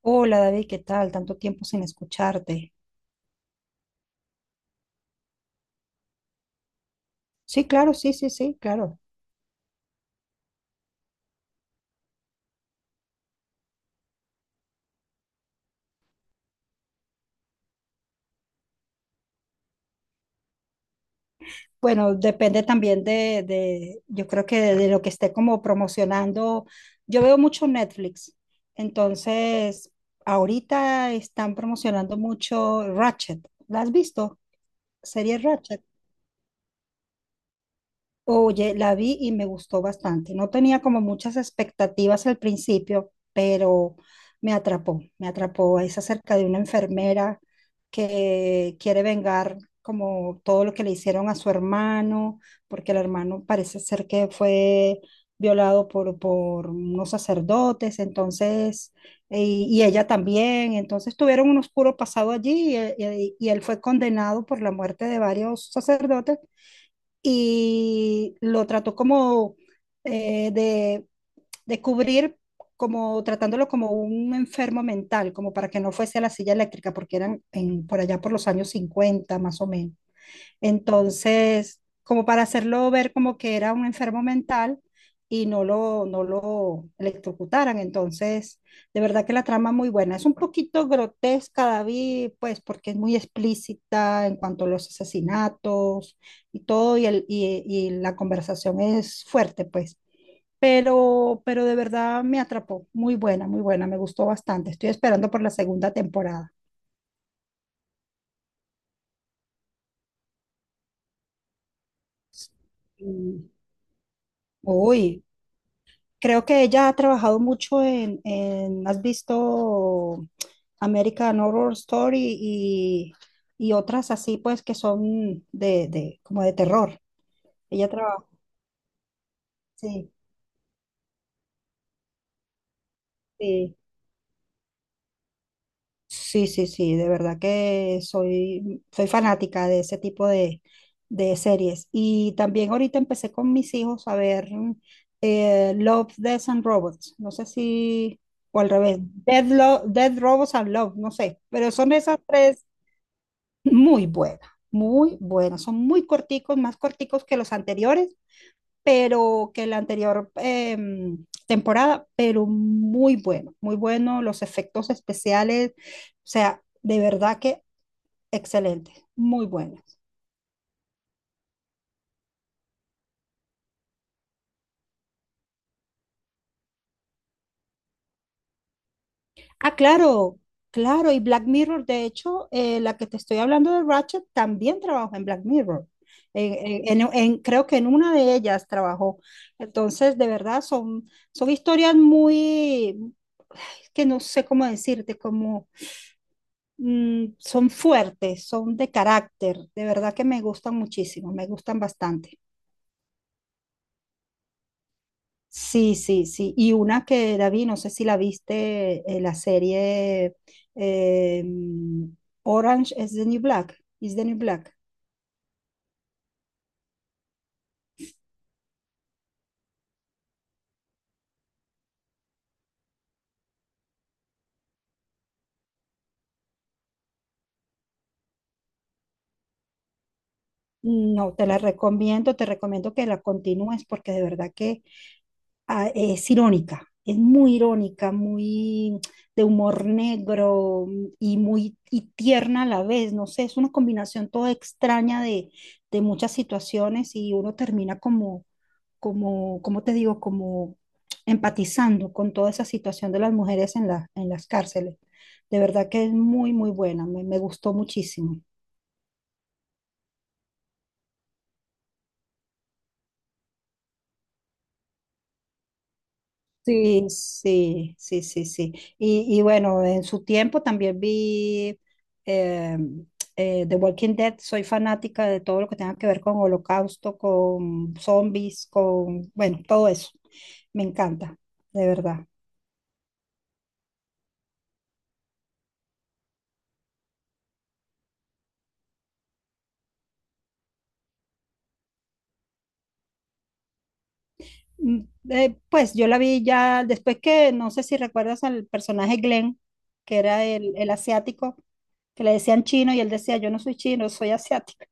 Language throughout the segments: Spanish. Hola David, ¿qué tal? Tanto tiempo sin escucharte. Sí, claro, sí, sí, sí, claro. Bueno, depende también de yo creo que de lo que esté como promocionando. Yo veo mucho Netflix, entonces ahorita están promocionando mucho Ratchet. ¿La has visto? Serie Ratchet. Oye, la vi y me gustó bastante. No tenía como muchas expectativas al principio, pero me atrapó, me atrapó. Es acerca de una enfermera que quiere vengar como todo lo que le hicieron a su hermano, porque el hermano parece ser que fue violado por unos sacerdotes, entonces, y, ella también. Entonces tuvieron un oscuro pasado allí y él fue condenado por la muerte de varios sacerdotes y lo trató como eh, de, de cubrir, como tratándolo como un enfermo mental, como para que no fuese a la silla eléctrica, porque eran por allá por los años 50 más o menos. Entonces, como para hacerlo ver como que era un enfermo mental y no lo electrocutaran. Entonces, de verdad que la trama es muy buena. Es un poquito grotesca, David, pues porque es muy explícita en cuanto a los asesinatos y todo, y la conversación es fuerte, pues. Pero de verdad me atrapó. Muy buena, muy buena. Me gustó bastante. Estoy esperando por la segunda temporada. Mm, Uy, creo que ella ha trabajado mucho ¿has visto American Horror Story y otras así, pues, que son de, como de terror? Ella trabaja, sí, sí. Sí, sí, sí, de verdad que soy fanática de ese tipo de series. Y también ahorita empecé con mis hijos a ver Love, Death and Robots. No sé si, o al revés, Dead, Dead Robots and Love, no sé, pero son esas tres. Muy buena, muy buena. Son muy corticos, más corticos que los anteriores, pero que la anterior temporada, pero muy bueno, muy bueno. Los efectos especiales, o sea, de verdad que excelente, muy bueno. Ah, claro, claro. Y Black Mirror, de hecho, la que te estoy hablando de Ratchet también trabajó en Black Mirror. Creo que en una de ellas trabajó. Entonces, de verdad, son historias muy, es que no sé cómo decirte, como son fuertes, son de carácter. De verdad que me gustan muchísimo, me gustan bastante. Sí, sí, sí. Y una que, David, no sé si la viste, la serie eh, mm, Orange is the New Black, is the New Black. No, te la recomiendo, te recomiendo que la continúes porque de verdad que es irónica, es muy irónica, muy de humor negro, y muy y tierna a la vez, no sé, es una combinación toda extraña de muchas situaciones y uno termina como, te digo, como empatizando con toda esa situación de las mujeres en las cárceles. De verdad que es muy, muy buena, me gustó muchísimo. Sí, sí, sí, sí, sí. Y bueno, en su tiempo también vi eh, The Walking Dead. Soy fanática de todo lo que tenga que ver con holocausto, con zombies, con, bueno, todo eso. Me encanta, de verdad. Mm, pues yo la vi ya después que, no sé si recuerdas al personaje Glenn, que era el asiático, que le decían chino y él decía, yo no soy chino, soy asiático.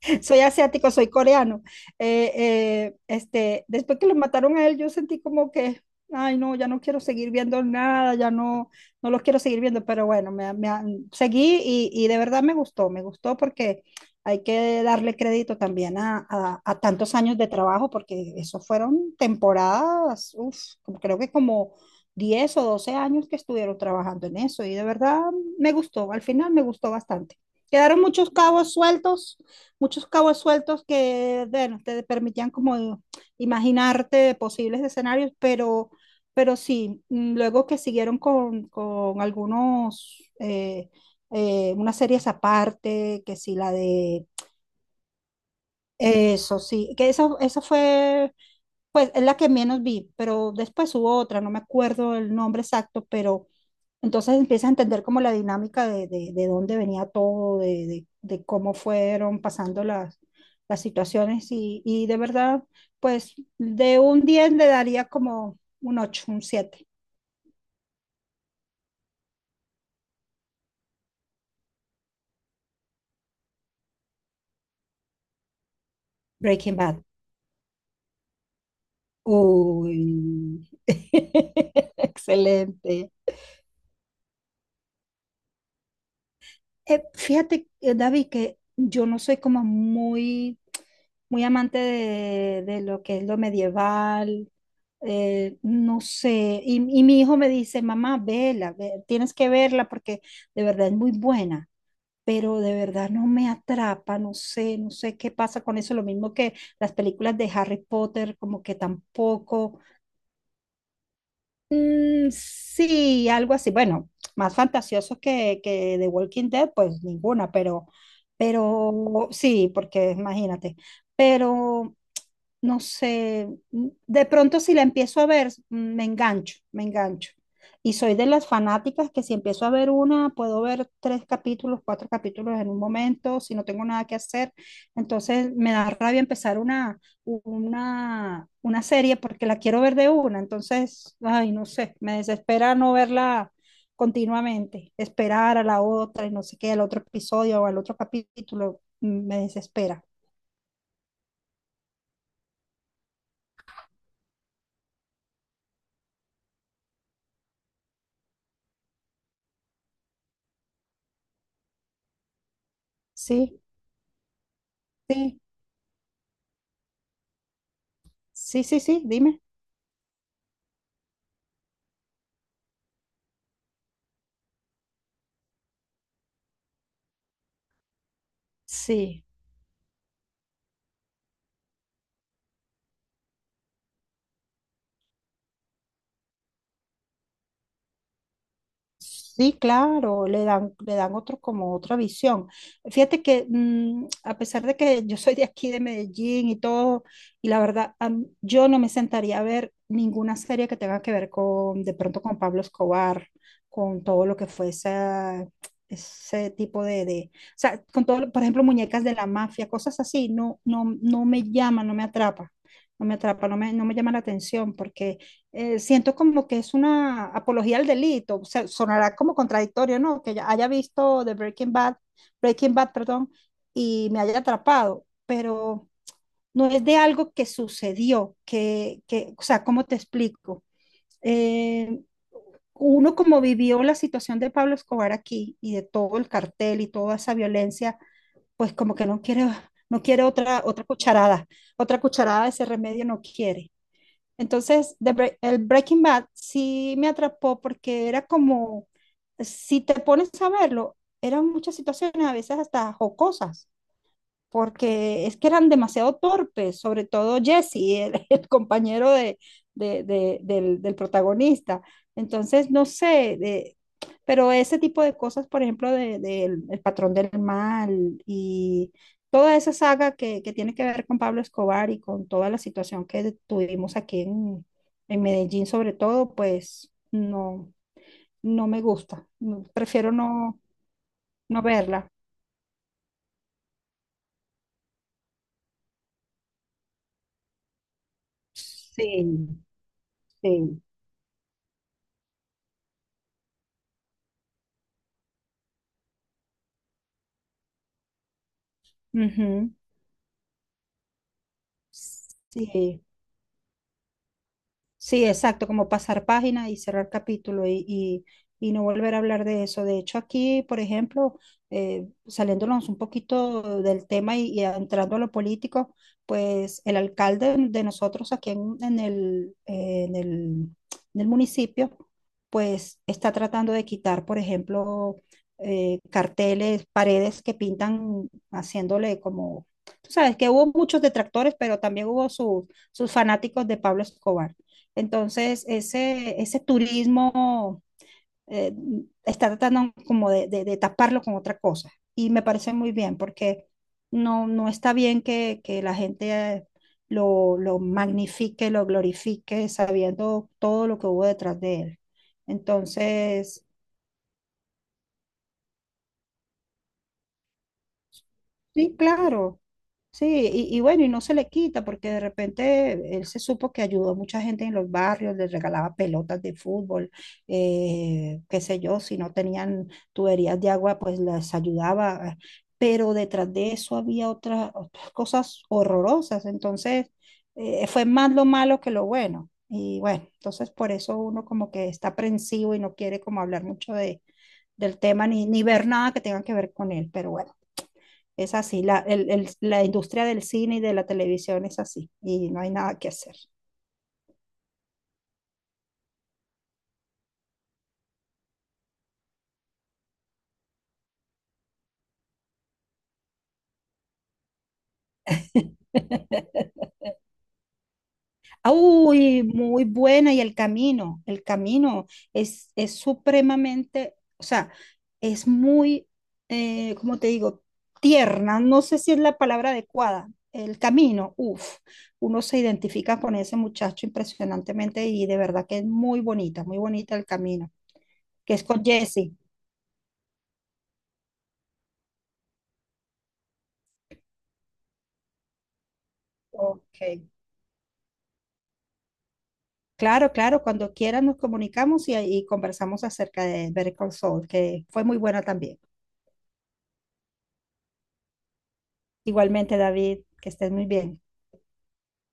Soy asiático, soy coreano. Después que lo mataron a él, yo sentí como que, ay, no, ya no quiero seguir viendo nada, ya no, no los quiero seguir viendo, pero bueno, me seguí y, de verdad me gustó porque hay que darle crédito también a tantos años de trabajo, porque eso fueron temporadas, uf, creo que como 10 o 12 años que estuvieron trabajando en eso y de verdad me gustó, al final me gustó bastante. Quedaron muchos cabos sueltos que, bueno, te permitían como imaginarte posibles escenarios, pero, sí, luego que siguieron con algunos, unas series aparte, que sí, la de eso, sí, que esa fue, pues, es la que menos vi, pero después hubo otra, no me acuerdo el nombre exacto, pero entonces empiezas a entender como la dinámica de dónde venía todo, de cómo fueron pasando las situaciones y, de verdad, pues de un 10 le daría como un 8, un 7. Breaking Bad. Uy, excelente. Fíjate, David, que yo no soy como muy, muy amante de lo que es lo medieval. No sé, y mi hijo me dice, mamá, vela, tienes que verla porque de verdad es muy buena, pero de verdad no me atrapa, no sé, no sé qué pasa con eso, lo mismo que las películas de Harry Potter, como que tampoco. Mm, sí, algo así. Bueno, más fantasiosos que The Walking Dead, pues ninguna, pero sí, porque imagínate. Pero no sé, de pronto si la empiezo a ver, me engancho, me engancho. Y soy de las fanáticas que si empiezo a ver una, puedo ver tres capítulos, cuatro capítulos en un momento, si no tengo nada que hacer. Entonces me da rabia empezar una serie porque la quiero ver de una. Entonces, ay, no sé, me desespera no verla continuamente, esperar a la otra y no sé qué, al otro episodio o al otro capítulo, me desespera. Sí, sí, sí, sí, sí, dime. Sí. Sí, claro, le dan otro, como otra visión. Fíjate que a pesar de que yo soy de aquí, de Medellín y todo, y la verdad, yo no me sentaría a ver ninguna serie que tenga que ver con, de pronto con Pablo Escobar, con todo lo que fue ese tipo de, o sea, con todo, por ejemplo, muñecas de la mafia, cosas así, no, no, no me llama, no me atrapa, no me atrapa, no me llama la atención porque siento como que es una apología al delito. O sea, sonará como contradictorio, ¿no? Que ya haya visto The Breaking Bad, Breaking Bad, perdón, y me haya atrapado, pero no es de algo que sucedió, que o sea, ¿cómo te explico? Eh, Uno como vivió la situación de Pablo Escobar aquí y de todo el cartel y toda esa violencia, pues como que no quiere, no quiere otra, cucharada, otra cucharada de ese remedio no quiere. Entonces, el Breaking Bad sí me atrapó porque era como, si te pones a verlo, eran muchas situaciones a veces hasta jocosas porque es que eran demasiado torpes, sobre todo Jesse, el compañero del protagonista. Entonces, no sé, pero ese tipo de cosas, por ejemplo, El patrón del mal y toda esa saga que tiene que ver con Pablo Escobar y con toda la situación que tuvimos aquí en Medellín, sobre todo, pues no, no me gusta. Prefiero no verla. Sí, sí. Ujú. Sí. Sí, exacto, como pasar página y cerrar capítulo y no volver a hablar de eso. De hecho, aquí, por ejemplo, saliéndonos un poquito del tema y entrando a lo político, pues el alcalde de nosotros aquí en el municipio, pues está tratando de quitar, por ejemplo, carteles, paredes que pintan haciéndole como, tú sabes que hubo muchos detractores, pero también hubo sus fanáticos de Pablo Escobar. Entonces, ese turismo eh, está tratando como de taparlo con otra cosa. Y me parece muy bien porque no está bien que la gente lo magnifique, lo glorifique, sabiendo todo lo que hubo detrás de él. Entonces, sí, claro. Sí, y bueno, y no se le quita porque de repente él se supo que ayudó a mucha gente en los barrios, les regalaba pelotas de fútbol, qué sé yo, si no tenían tuberías de agua, pues las ayudaba. Pero detrás de eso había otras cosas horrorosas. Entonces, fue más lo malo que lo bueno. Y bueno, entonces por eso uno como que está aprensivo y no quiere como hablar mucho del tema ni ver nada que tenga que ver con él. Pero bueno. Es así, la industria del cine y de la televisión es así y no hay nada que hacer. Uy, muy buena y el camino es supremamente, o sea, es muy, ¿cómo te digo? Tierna, no sé si es la palabra adecuada. El camino, uff, uno se identifica con ese muchacho impresionantemente y de verdad que es muy bonita el camino, que es con Jesse. Ok. Claro, claro, cuando quieras nos comunicamos y conversamos acerca de Better Call Saul, que fue muy buena también. Igualmente, David, que estés muy bien.